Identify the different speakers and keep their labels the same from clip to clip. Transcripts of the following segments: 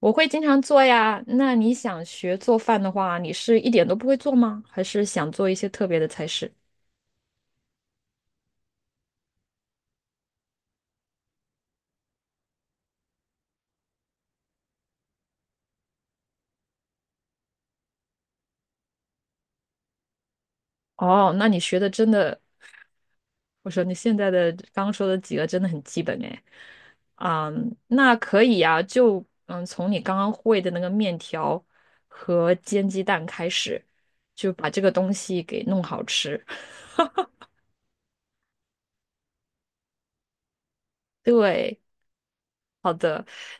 Speaker 1: 我会经常做呀。那你想学做饭的话，你是一点都不会做吗？还是想做一些特别的菜式？哦，那你学的真的，我说你现在的刚刚说的几个真的很基本哎。嗯，那可以呀，从你刚刚会的那个面条和煎鸡蛋开始，就把这个东西给弄好吃。对，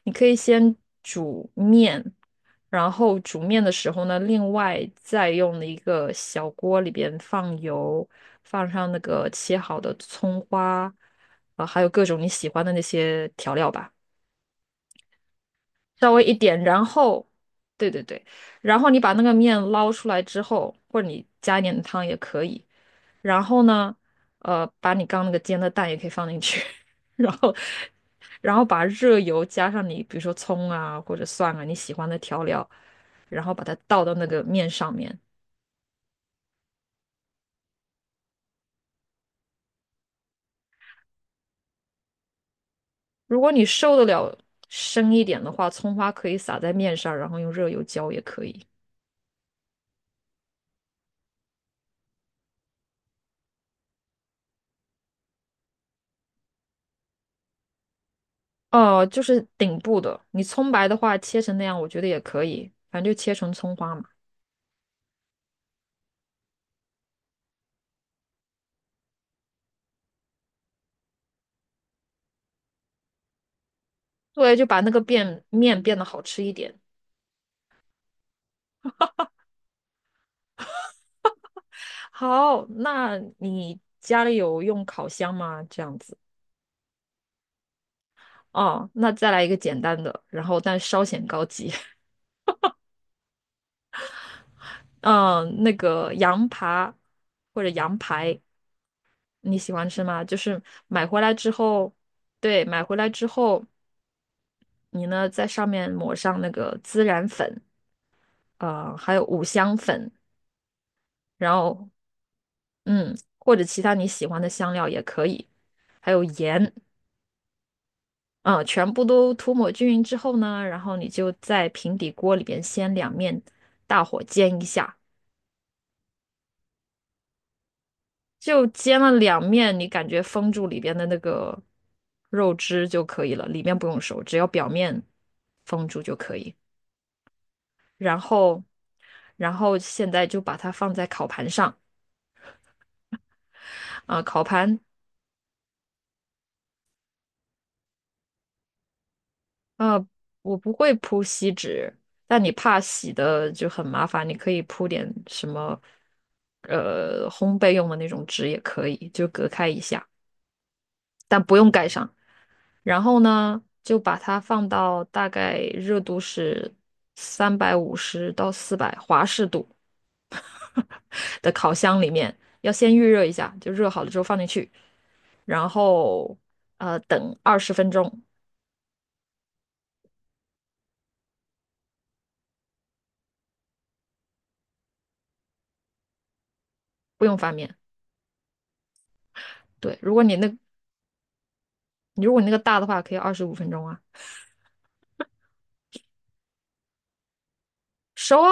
Speaker 1: 你可以先煮面，然后煮面的时候呢，另外再用一个小锅里边放油，放上那个切好的葱花，啊、还有各种你喜欢的那些调料吧，稍微一点，然后，对对对，然后你把那个面捞出来之后，或者你加一点汤也可以，然后呢，把你刚那个煎的蛋也可以放进去，然后，然后把热油加上你，比如说葱啊或者蒜啊你喜欢的调料，然后把它倒到那个面上面。如果你受得了深一点的话，葱花可以撒在面上，然后用热油浇也可以。哦、就是顶部的，你葱白的话切成那样，我觉得也可以，反正就切成葱花嘛。对，就把那个变面变得好吃一点。好，那你家里有用烤箱吗？这样子。哦，那再来一个简单的，然后但稍显高级。嗯，那个羊扒或者羊排，你喜欢吃吗？就是买回来之后，对，买回来之后，你呢在上面抹上那个孜然粉，还有五香粉，然后或者其他你喜欢的香料也可以，还有盐。嗯，全部都涂抹均匀之后呢，然后你就在平底锅里边先两面大火煎一下，就煎了两面，你感觉封住里边的那个肉汁就可以了，里面不用熟，只要表面封住就可以。然后，然后现在就把它放在烤盘上，啊、烤盘呃，我不会铺锡纸，但你怕洗的就很麻烦，你可以铺点什么，烘焙用的那种纸也可以，就隔开一下，但不用盖上。然后呢，就把它放到大概热度是350到400华氏度 的烤箱里面，要先预热一下，就热好了之后放进去，然后等二十分钟，不用翻面。对，如果你那你如果你那个大的话，可以二十五分钟啊，熟啊，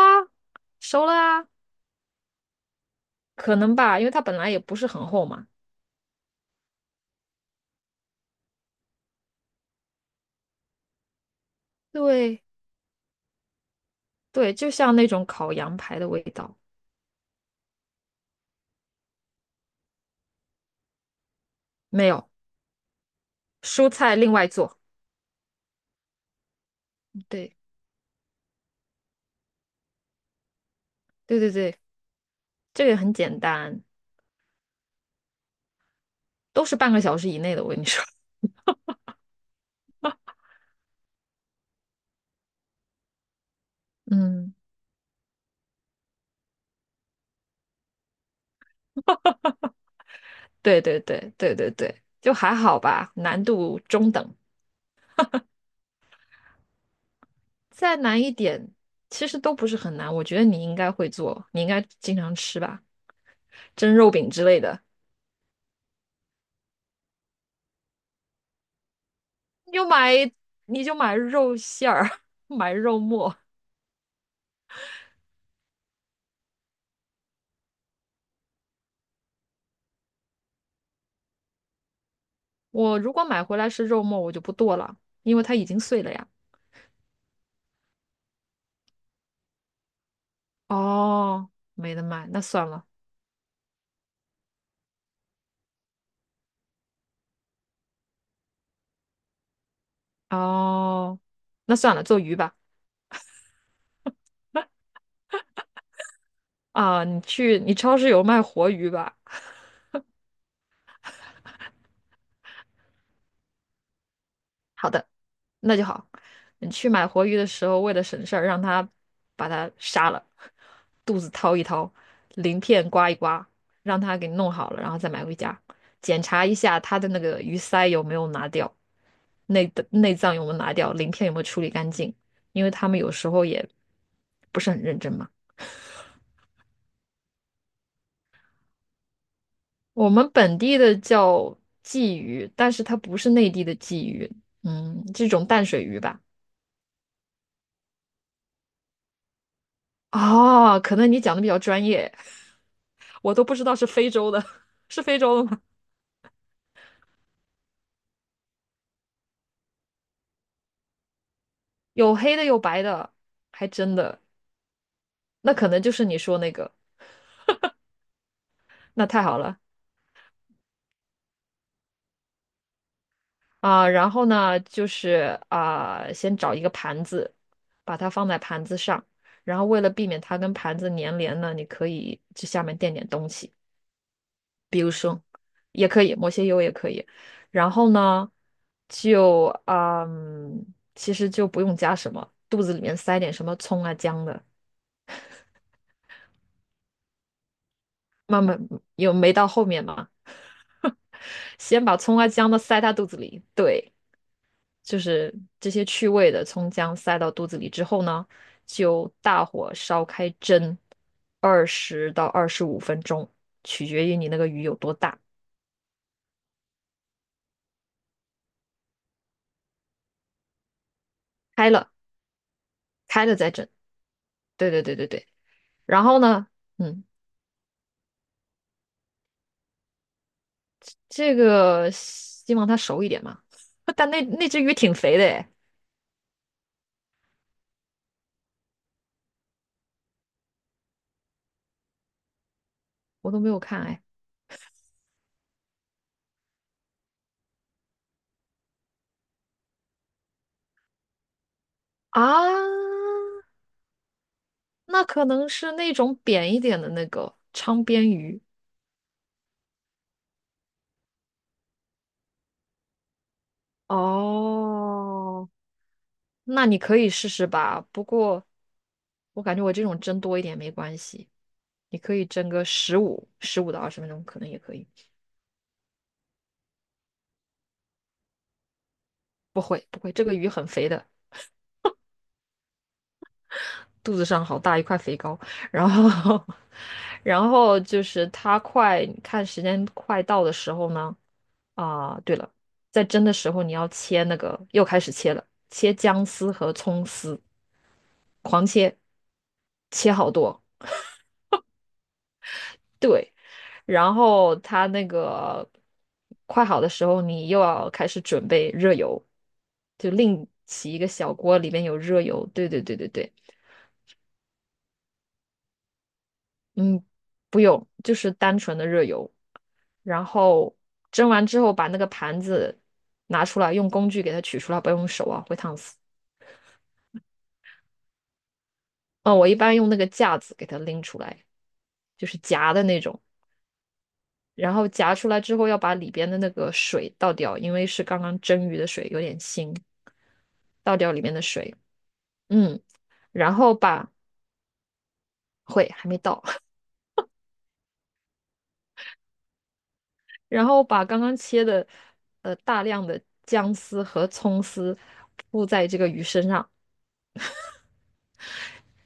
Speaker 1: 熟了啊，可能吧，因为它本来也不是很厚嘛。对对，就像那种烤羊排的味道，没有，蔬菜另外做。对对对对，这个很简单，都是半个小时以内的。我跟你说，嗯，对对对对对对，就还好吧，难度中等，再难一点，其实都不是很难。我觉得你应该会做，你应该经常吃吧，蒸肉饼之类的。你就买你就买肉馅儿，买肉末。我如果买回来是肉末，我就不剁了，因为它已经碎了呀。哦，没得卖，那算了。哦，那算了，做鱼吧。啊，你去你超市有卖活鱼吧？好的，那就好。你去买活鱼的时候，为了省事儿，让他把它杀了，肚子掏一掏，鳞片刮一刮，让他给弄好了，然后再买回家，检查一下他的那个鱼鳃有没有拿掉，内脏有没有拿掉，鳞片有没有处理干净，因为他们有时候也不是很认真嘛。我们本地的叫鲫鱼，但是它不是内地的鲫鱼，嗯，这种淡水鱼吧。哦，可能你讲的比较专业，我都不知道是非洲的，是非洲的吗？有黑的，有白的，还真的，那可能就是你说那个，那太好了啊。然后呢，就是啊，先找一个盘子，把它放在盘子上，然后为了避免它跟盘子粘连呢，你可以这下面垫点东西，也可以，抹些油也可以。然后呢，就嗯，其实就不用加什么，肚子里面塞点什么葱啊姜的，慢慢有没到后面嘛，先把葱啊姜的塞它肚子里，对，就是这些去味的葱姜塞到肚子里之后呢，就大火烧开蒸20到25分钟，取决于你那个鱼有多大。开了，开了再蒸。对对对对对。然后呢，嗯，这个希望它熟一点嘛。但那只鱼挺肥的哎，我都没有看哎。啊，那可能是那种扁一点的那个昌边鱼。哦，那你可以试试吧。不过，我感觉我这种蒸多一点没关系，你可以蒸个15、15到20分钟，可能也可以。不会，不会，这个鱼很肥的，肚子上好大一块肥膏。然后，然后就是它快，看时间快到的时候呢，啊、对了，在蒸的时候你要切那个，又开始切了，切姜丝和葱丝，狂切，切好多。对，然后它那个快好的时候，你又要开始准备热油，就另起一个小锅，里面有热油。对对对对对，嗯，不用，就是单纯的热油。然后蒸完之后，把那个盘子拿出来，用工具给它取出来，不要用手啊，会烫死。嗯，我一般用那个架子给它拎出来，就是夹的那种。然后夹出来之后，要把里边的那个水倒掉，因为是刚刚蒸鱼的水，有点腥，倒掉里面的水。嗯，然后把，会，还没到，然后把刚刚切的大量的姜丝和葱丝铺在这个鱼身上，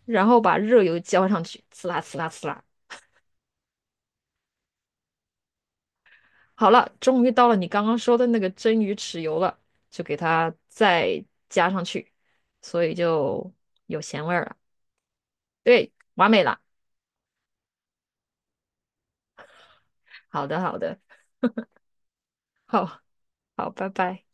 Speaker 1: 然后把热油浇上去，呲啦呲啦呲啦。好了，终于到了你刚刚说的那个蒸鱼豉油了，就给它再加上去，所以就有咸味儿了。对，完美了。好的，好的，好，好，拜拜。